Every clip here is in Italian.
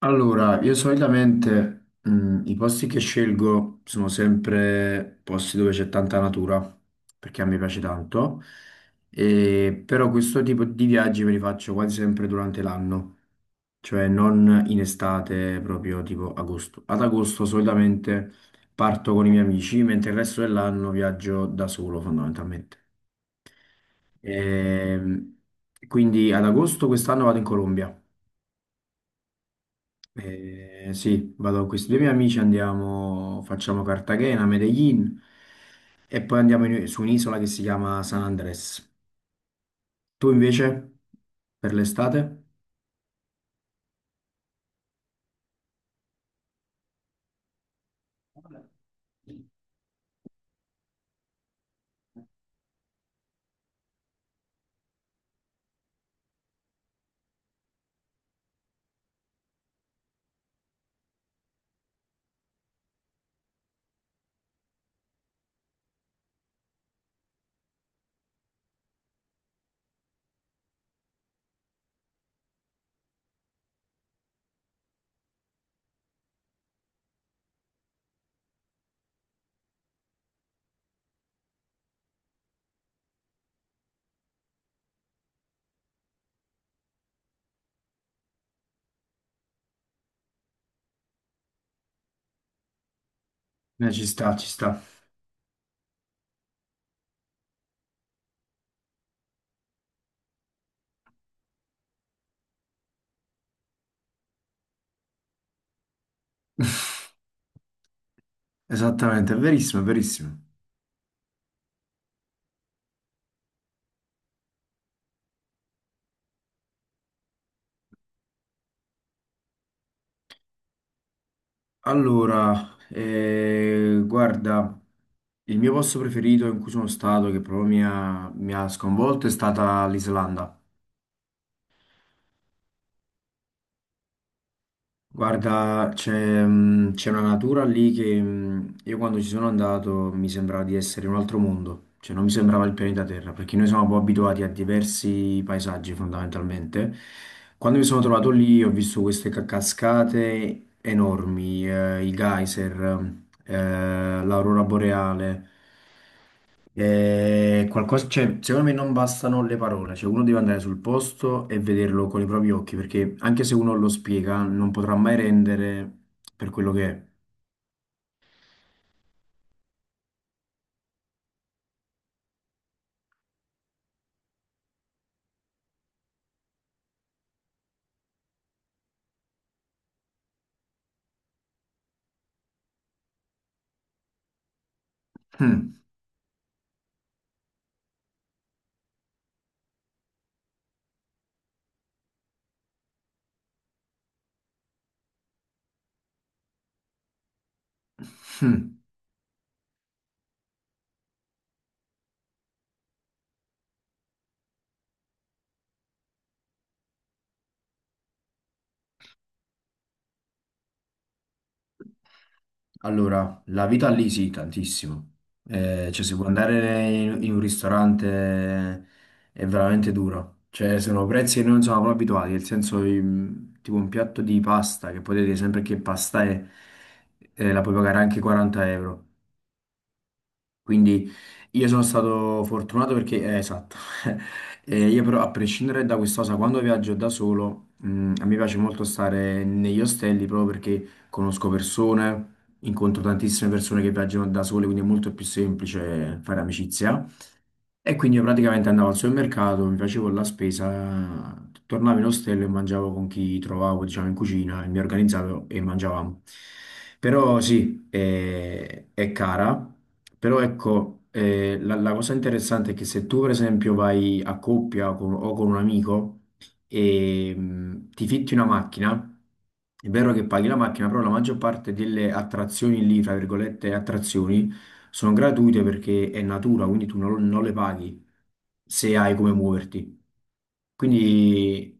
Allora, io solitamente i posti che scelgo sono sempre posti dove c'è tanta natura, perché a me piace tanto, e, però questo tipo di viaggi me li faccio quasi sempre durante l'anno, cioè non in estate, proprio tipo agosto. Ad agosto solitamente parto con i miei amici, mentre il resto dell'anno viaggio da solo fondamentalmente. Ehm, quindi ad agosto quest'anno vado in Colombia. Sì, vado con questi due miei amici, andiamo, facciamo Cartagena, Medellin e poi su un'isola che si chiama San Andres. Tu invece, per l'estate? Ci sta, ci sta. Esattamente, è verissimo, è verissimo. Allora, guarda, il mio posto preferito in cui sono stato, che proprio mi ha sconvolto, è stata l'Islanda. Guarda, c'è una natura lì che io quando ci sono andato mi sembrava di essere in un altro mondo, cioè non mi sembrava il pianeta Terra, perché noi siamo un po' abituati a diversi paesaggi fondamentalmente. Quando mi sono trovato lì ho visto queste cascate enormi, i geyser, l'aurora boreale. Qualcosa, cioè, secondo me non bastano le parole, cioè uno deve andare sul posto e vederlo con i propri occhi, perché anche se uno lo spiega, non potrà mai rendere per quello che è. Mm. Allora, la vita lì sì, tantissimo. Cioè, se vuoi in un ristorante è veramente duro. Cioè, sono prezzi che noi non siamo proprio abituati, nel senso, tipo un piatto di pasta, che potete dire sempre che pasta è, la puoi pagare anche 40 euro. Quindi io sono stato fortunato perché, esatto, io però a prescindere da questa cosa, quando viaggio da solo, a me piace molto stare negli ostelli proprio perché conosco persone, incontro tantissime persone che viaggiano da sole, quindi è molto più semplice fare amicizia. E quindi io praticamente andavo al supermercato, mi facevo la spesa, tornavo in ostello e mangiavo con chi trovavo, diciamo, in cucina, e mi organizzavo e mangiavamo. Però sì, è cara, però ecco, la cosa interessante è che se tu per esempio vai a o con un amico, e ti fitti una macchina, è vero che paghi la macchina, però la maggior parte delle attrazioni lì, tra virgolette, attrazioni, sono gratuite perché è natura, quindi tu non, non le paghi se hai come muoverti. Quindi...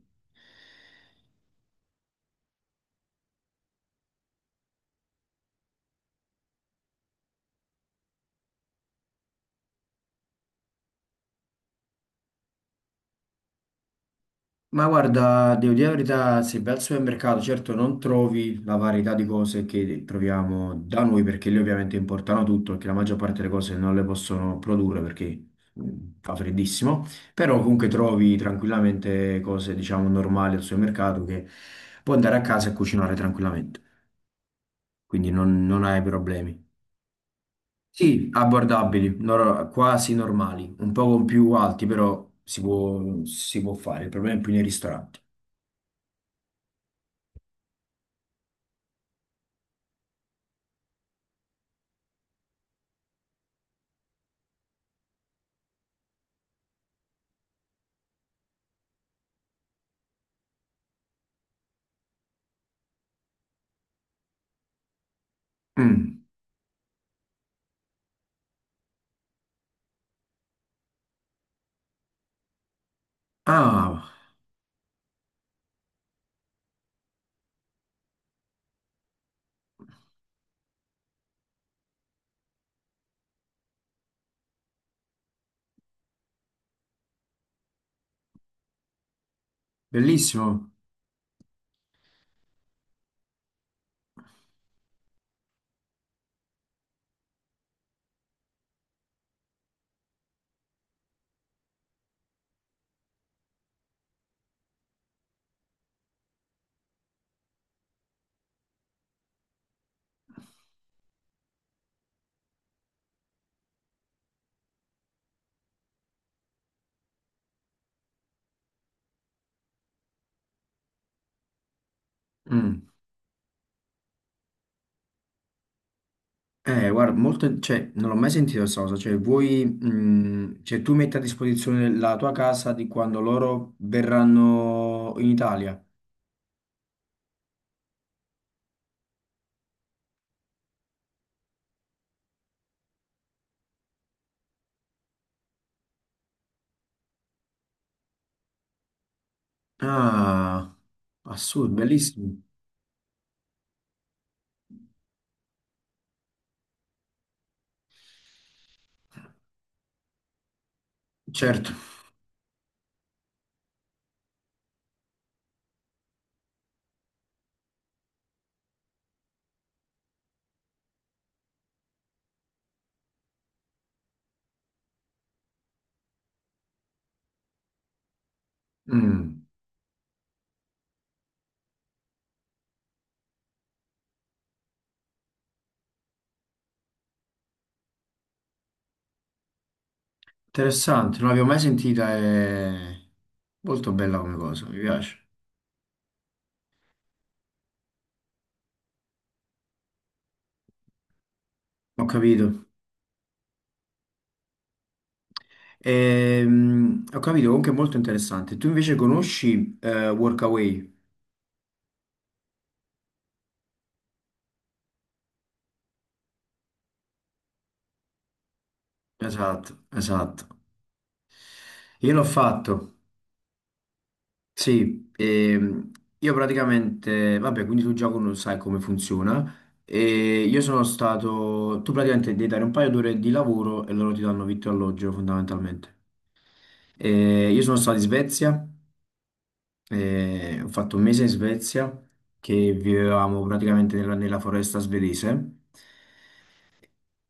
Ma guarda, devo dire la verità, se vai al supermercato, certo non trovi la varietà di cose che troviamo da noi, perché lì ovviamente importano tutto, perché la maggior parte delle cose non le possono produrre perché mh, fa freddissimo, però comunque trovi tranquillamente cose, diciamo, normali al supermercato che puoi andare a casa e cucinare tranquillamente, quindi non hai problemi. Sì, abbordabili, quasi normali, un po' più alti, però si può fare, il problema è più nei ristoranti. Mm. Ah, bellissimo. Mm. Guarda, molto, cioè, non l'ho mai sentito questa cosa. Cioè, vuoi, mm, cioè, tu metti a disposizione la tua casa di quando loro verranno in Italia. Ah, assurdo, bellissimo. Certo. Mm, interessante, non l'avevo mai sentita. È molto bella come cosa, mi piace. Ho capito. Ho capito, comunque è molto interessante. Tu invece conosci Workaway? Esatto, esatto. Io l'ho fatto. Sì, io praticamente, vabbè, quindi tu già non sai come funziona. E io sono stato, tu praticamente devi dare un paio d'ore di lavoro e loro ti danno vitto e alloggio fondamentalmente. E io sono stato in Svezia, e ho fatto un mese in Svezia che vivevamo praticamente nella foresta svedese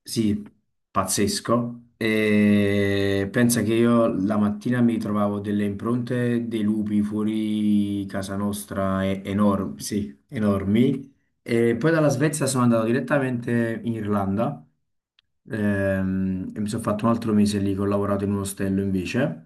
sì, pazzesco. E pensa che io la mattina mi trovavo delle impronte dei lupi fuori casa nostra, enormi, sì, enormi. E poi dalla Svezia sono andato direttamente in Irlanda e mi sono fatto un altro mese lì che ho lavorato in un ostello invece.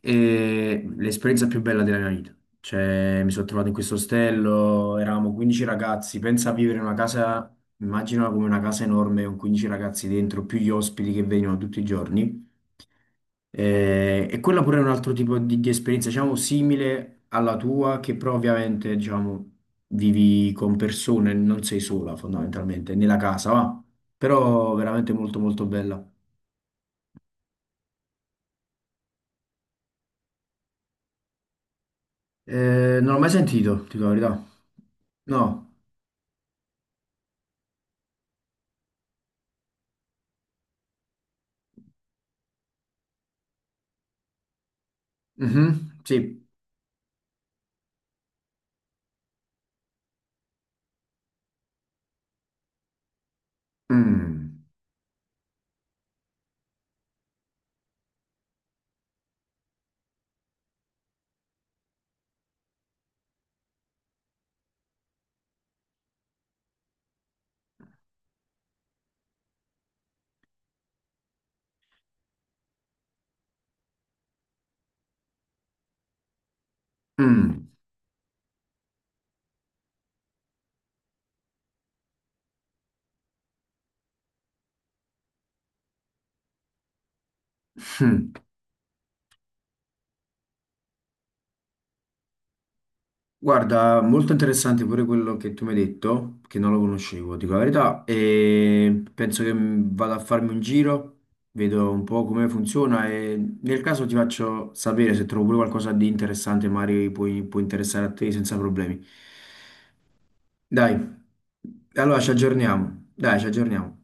E l'esperienza più bella della mia vita. Cioè, mi sono trovato in questo ostello, eravamo 15 ragazzi, pensa a vivere in una casa. Immaginala come una casa enorme con 15 ragazzi dentro, più gli ospiti che vengono tutti i giorni. E quella pure è un altro tipo di esperienza, diciamo, simile alla tua, che però ovviamente, diciamo, vivi con persone, non sei sola fondamentalmente, nella casa, va. Però veramente molto molto bella. Non l'ho mai sentito, ti dico la verità. No. Mhm, sì. Mm. Mm. Guarda, molto interessante pure quello che tu mi hai detto, che non lo conoscevo, dico la verità, e penso che mm, vado a farmi un giro, vedo un po' come funziona e nel caso ti faccio sapere se trovo pure qualcosa di interessante, può interessare a te senza problemi. Dai, allora ci aggiorniamo, dai, ci aggiorniamo.